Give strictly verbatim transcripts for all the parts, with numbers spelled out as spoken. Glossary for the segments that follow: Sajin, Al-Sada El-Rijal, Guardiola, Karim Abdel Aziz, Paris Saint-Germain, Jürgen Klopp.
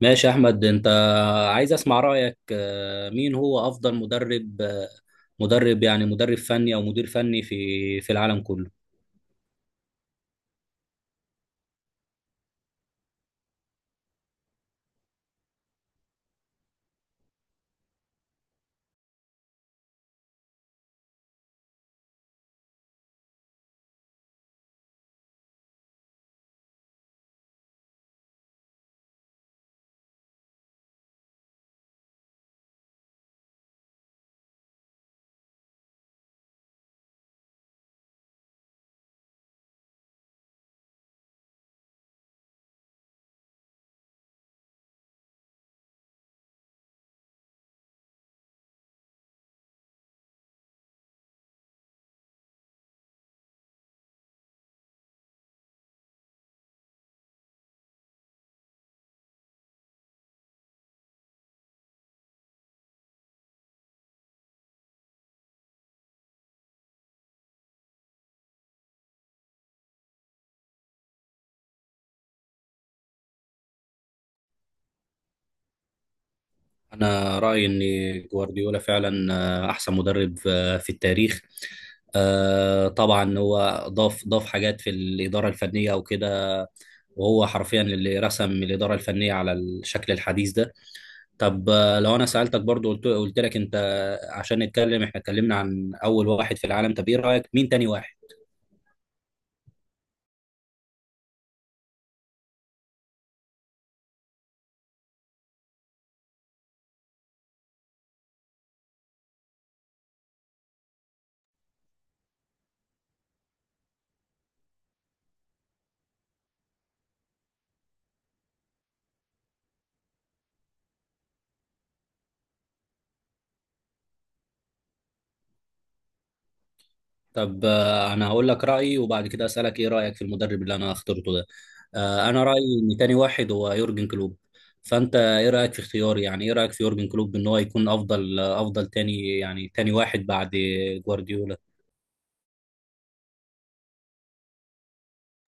ماشي يا احمد. انت عايز اسمع رايك، آه، مين هو افضل مدرب، آه، مدرب يعني مدرب فني او مدير فني في في العالم كله؟ انا رايي ان جوارديولا فعلا آه، احسن مدرب آه، في التاريخ. آه، طبعا هو ضاف ضاف حاجات في الاداره الفنيه وكده، وهو حرفيا اللي رسم الاداره الفنيه على الشكل الحديث ده. طب، آه، لو انا سالتك برضو، قلت قلت لك، انت عشان نتكلم احنا اتكلمنا عن اول واحد في العالم، طب ايه رايك مين تاني واحد؟ طب، آه، انا هقول لك رايي وبعد كده اسالك ايه رايك في المدرب اللي انا اخترته ده. آه، انا رايي ان تاني واحد هو يورجن كلوب. فانت ايه رايك في اختياري؟ يعني ايه رايك في يورجن كلوب ان هو يكون افضل، آه، افضل تاني، يعني تاني واحد بعد جوارديولا؟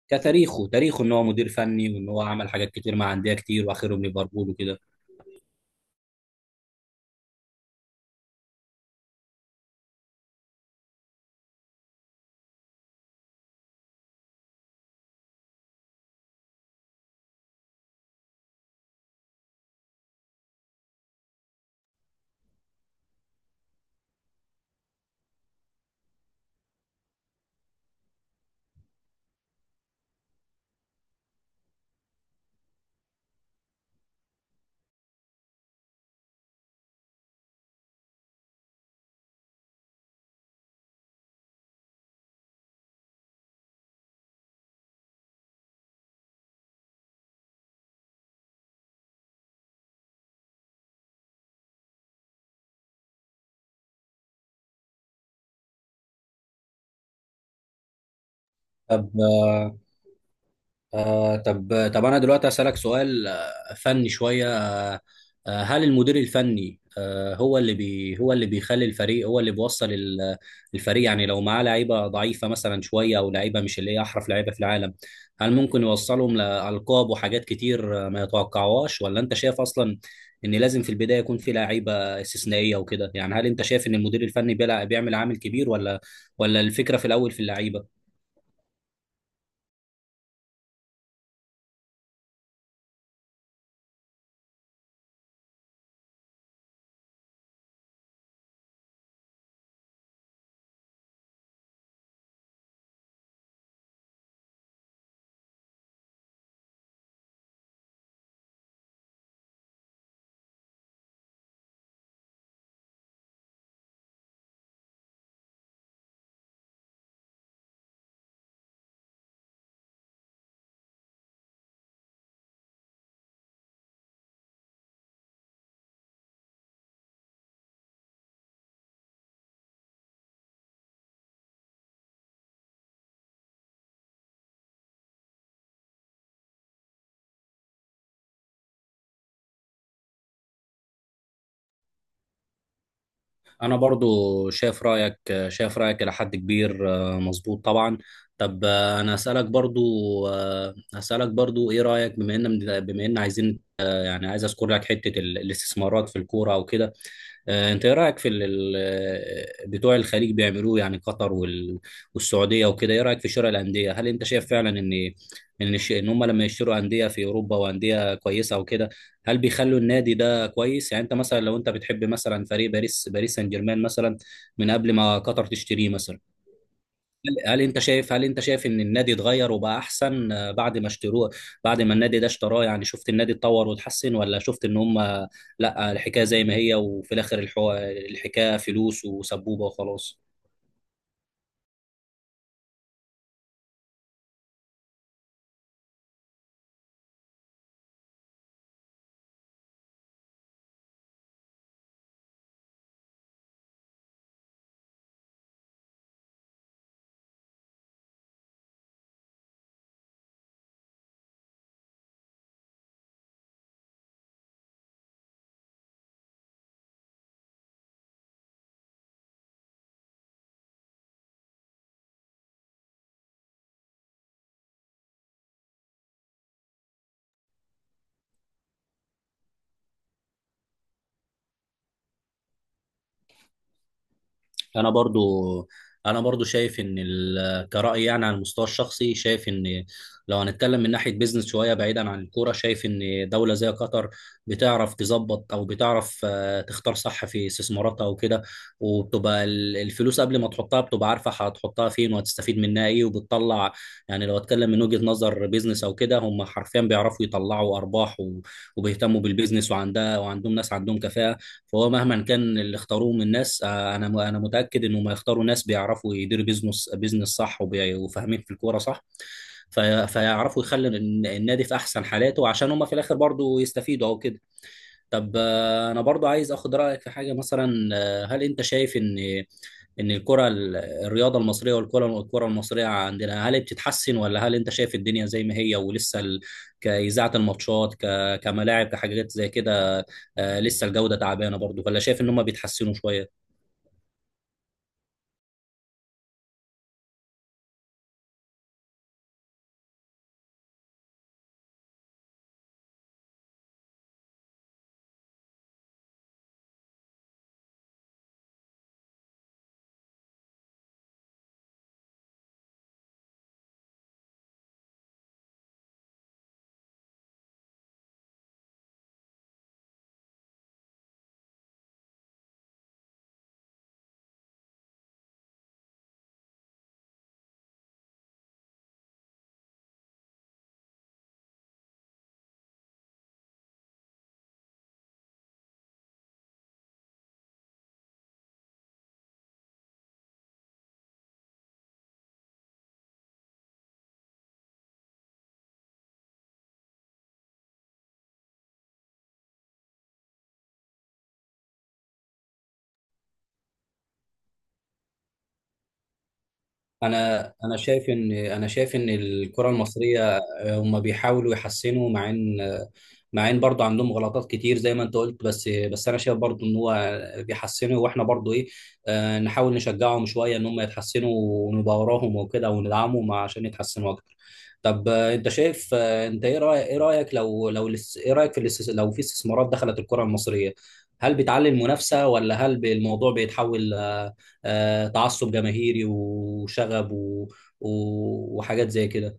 كتاريخه، تاريخه ان هو مدير فني وان هو عمل حاجات كتير مع انديه كتير واخرهم ليفربول وكده. طب، آه، آه طب طب انا دلوقتي اسالك سؤال آه، فني شويه آه آه، هل المدير الفني آه هو اللي بي هو اللي بيخلي الفريق، هو اللي بيوصل ال- الفريق؟ يعني لو معاه لعيبه ضعيفه مثلا شويه، او لعيبه مش اللي هي احرف لعيبه في العالم، هل ممكن يوصلهم لالقاب وحاجات كتير آه، ما يتوقعوهاش؟ ولا انت شايف اصلا ان لازم في البدايه يكون في لعيبه استثنائيه وكده؟ يعني هل انت شايف ان المدير الفني بيلع- بيعمل عامل كبير، ولا ولا الفكره في الاول في اللعيبه؟ انا برضو شايف رايك، شايف رايك الى حد كبير. آه، مظبوط طبعا. طب، آه، انا اسالك برضو، آه، هسالك برضو ايه رايك، بما ان بما ان عايزين، يعني عايز اذكر لك حته ال- الاستثمارات في الكوره وكده. آه، انت ايه رايك في ال- ال- بتوع الخليج بيعملوه؟ يعني قطر وال- والسعوديه وكده، ايه رايك في شراء الانديه؟ هل انت شايف فعلا ان ان الش- ان هم لما يشتروا انديه في اوروبا وانديه كويسه وكده، هل بيخلوا النادي ده كويس؟ يعني انت مثلا لو انت بتحب مثلا فريق باريس باريس سان جيرمان مثلا من قبل ما قطر تشتريه مثلا، هل هل انت شايف هل انت شايف ان النادي اتغير وبقى احسن آه، بعد ما اشتروه، بعد ما النادي ده اشتراه؟ يعني شفت النادي اتطور واتحسن، ولا شفت ان هم لا، الحكايه زي ما هي، وفي الاخر الحو... الحكايه فلوس وسبوبه وخلاص؟ انا برضو انا برضو شايف ان ال- كرأي يعني على المستوى الشخصي شايف ان لو هنتكلم من ناحية بيزنس شوية بعيدا عن الكورة، شايف ان دولة زي قطر بتعرف تظبط، او بتعرف آه، تختار صح في استثماراتها وكده، وبتبقى ال- الفلوس قبل ما تحطها بتبقى عارفة هتحطها فين وهتستفيد منها ايه وبتطلع. يعني لو اتكلم من وجهة نظر بيزنس او كده، هم حرفيا بيعرفوا يطلعوا ارباح و- وبيهتموا بالبيزنس، وعندها وعندهم ناس عندهم كفاءة. فهو مهما كان اللي اختاروه من ناس، آه، انا انا متاكد انهم هيختاروا ناس بيعرفوا يديروا بيزنس بيزنس صح وبي- وفاهمين في الكوره صح، في- فيعرفوا يخلوا الن- النادي في احسن حالاته عشان هم في الاخر برضو يستفيدوا او كده. طب، آه، انا برضو عايز اخد رايك في حاجه مثلا. آه، هل انت شايف ان ان الكره ال- الرياضه المصريه، والكره، الكره المصريه عندنا، هل بتتحسن؟ ولا هل انت شايف الدنيا زي ما هي ولسه ال... كاذاعه الماتشات، ك... كملاعب، كحاجات زي كده، آه، لسه الجوده تعبانه برضو؟ ولا شايف ان هم بيتحسنوا شويه؟ انا انا شايف ان انا شايف ان الكره المصريه هم بيحاولوا يحسنوا، مع ان مع ان برضه عندهم غلطات كتير زي ما انت قلت، بس بس انا شايف برضه ان هو بيحسنوا، واحنا برضه ايه، آه، نحاول نشجعهم شويه ان هم يتحسنوا، ونبقى وراهم وكده وندعمهم عشان يتحسنوا اكتر. طب، آه، انت شايف، آه، انت ايه رايك، ايه رايك لو لو الاس- ايه رايك في الاس- لو في استثمارات دخلت الكره المصريه، هل بتعلي المنافسه؟ ولا هل الموضوع بيتحول آه، آه، تعصب جماهيري وشغب و- و- وحاجات زي كده؟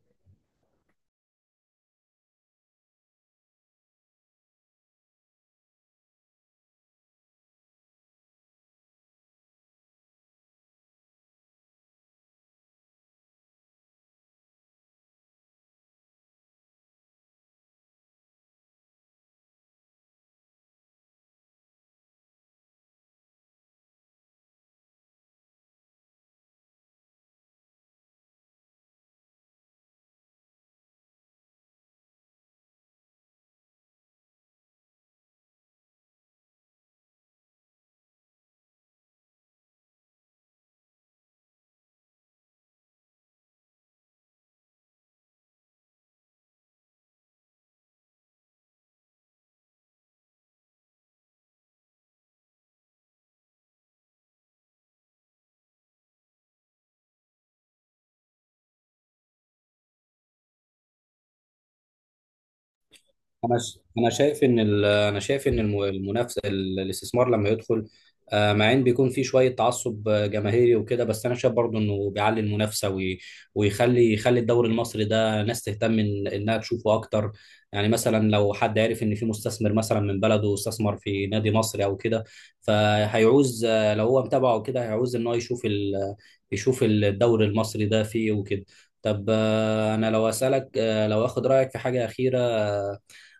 انا ش- انا شايف ان ال- انا شايف ان الم- المنافسه، ال- الاستثمار لما يدخل، آه، مع ان بيكون في شويه تعصب آه، جماهيري وكده، بس انا شايف برضو انه بيعلي المنافسه وي- ويخلي، يخلي الدوري المصري ده ناس تهتم إن- انها تشوفه اكتر. يعني مثلا لو حد عارف ان في مستثمر مثلا من بلده استثمر في نادي مصري او كده، فهيعوز، آه، لو هو متابعه كده هيعوز ان هو يشوف ال- يشوف الدوري المصري ده فيه وكده. طب، آه، انا لو اسالك، آه، لو اخد رايك في حاجه اخيره.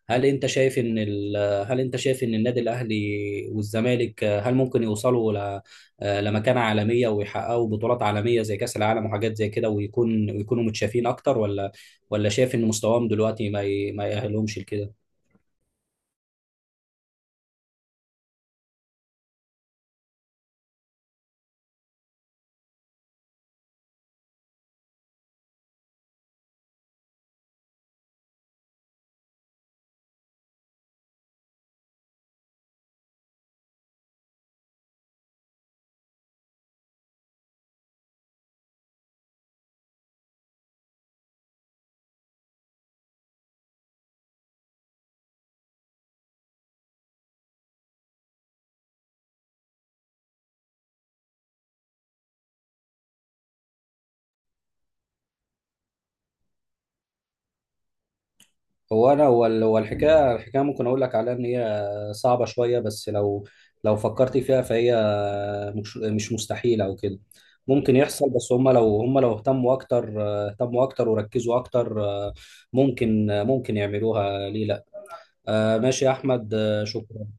هل انت شايف ان ال... هل انت شايف ان النادي الاهلي والزمالك، آه، هل ممكن يوصلوا ل... آه، لمكانة عالمية، ويحققوا بطولات عالمية زي كأس العالم وحاجات زي كده، ويكون ويكونوا متشافين اكتر؟ ولا ولا شايف ان مستواهم دلوقتي ما ي... ما يأهلهمش لكده؟ هو انا هو ال- هو الحكايه، الحكايه ممكن اقول لك عليها ان هي صعبه شويه، بس لو لو فكرت فيها فهي مش مش مستحيله او كده، ممكن يحصل، بس هم لو، هم لو اهتموا اكتر، اهتموا اكتر وركزوا اكتر، ممكن، ممكن يعملوها، ليه لا؟ آه، ماشي يا احمد، آه، شكرا.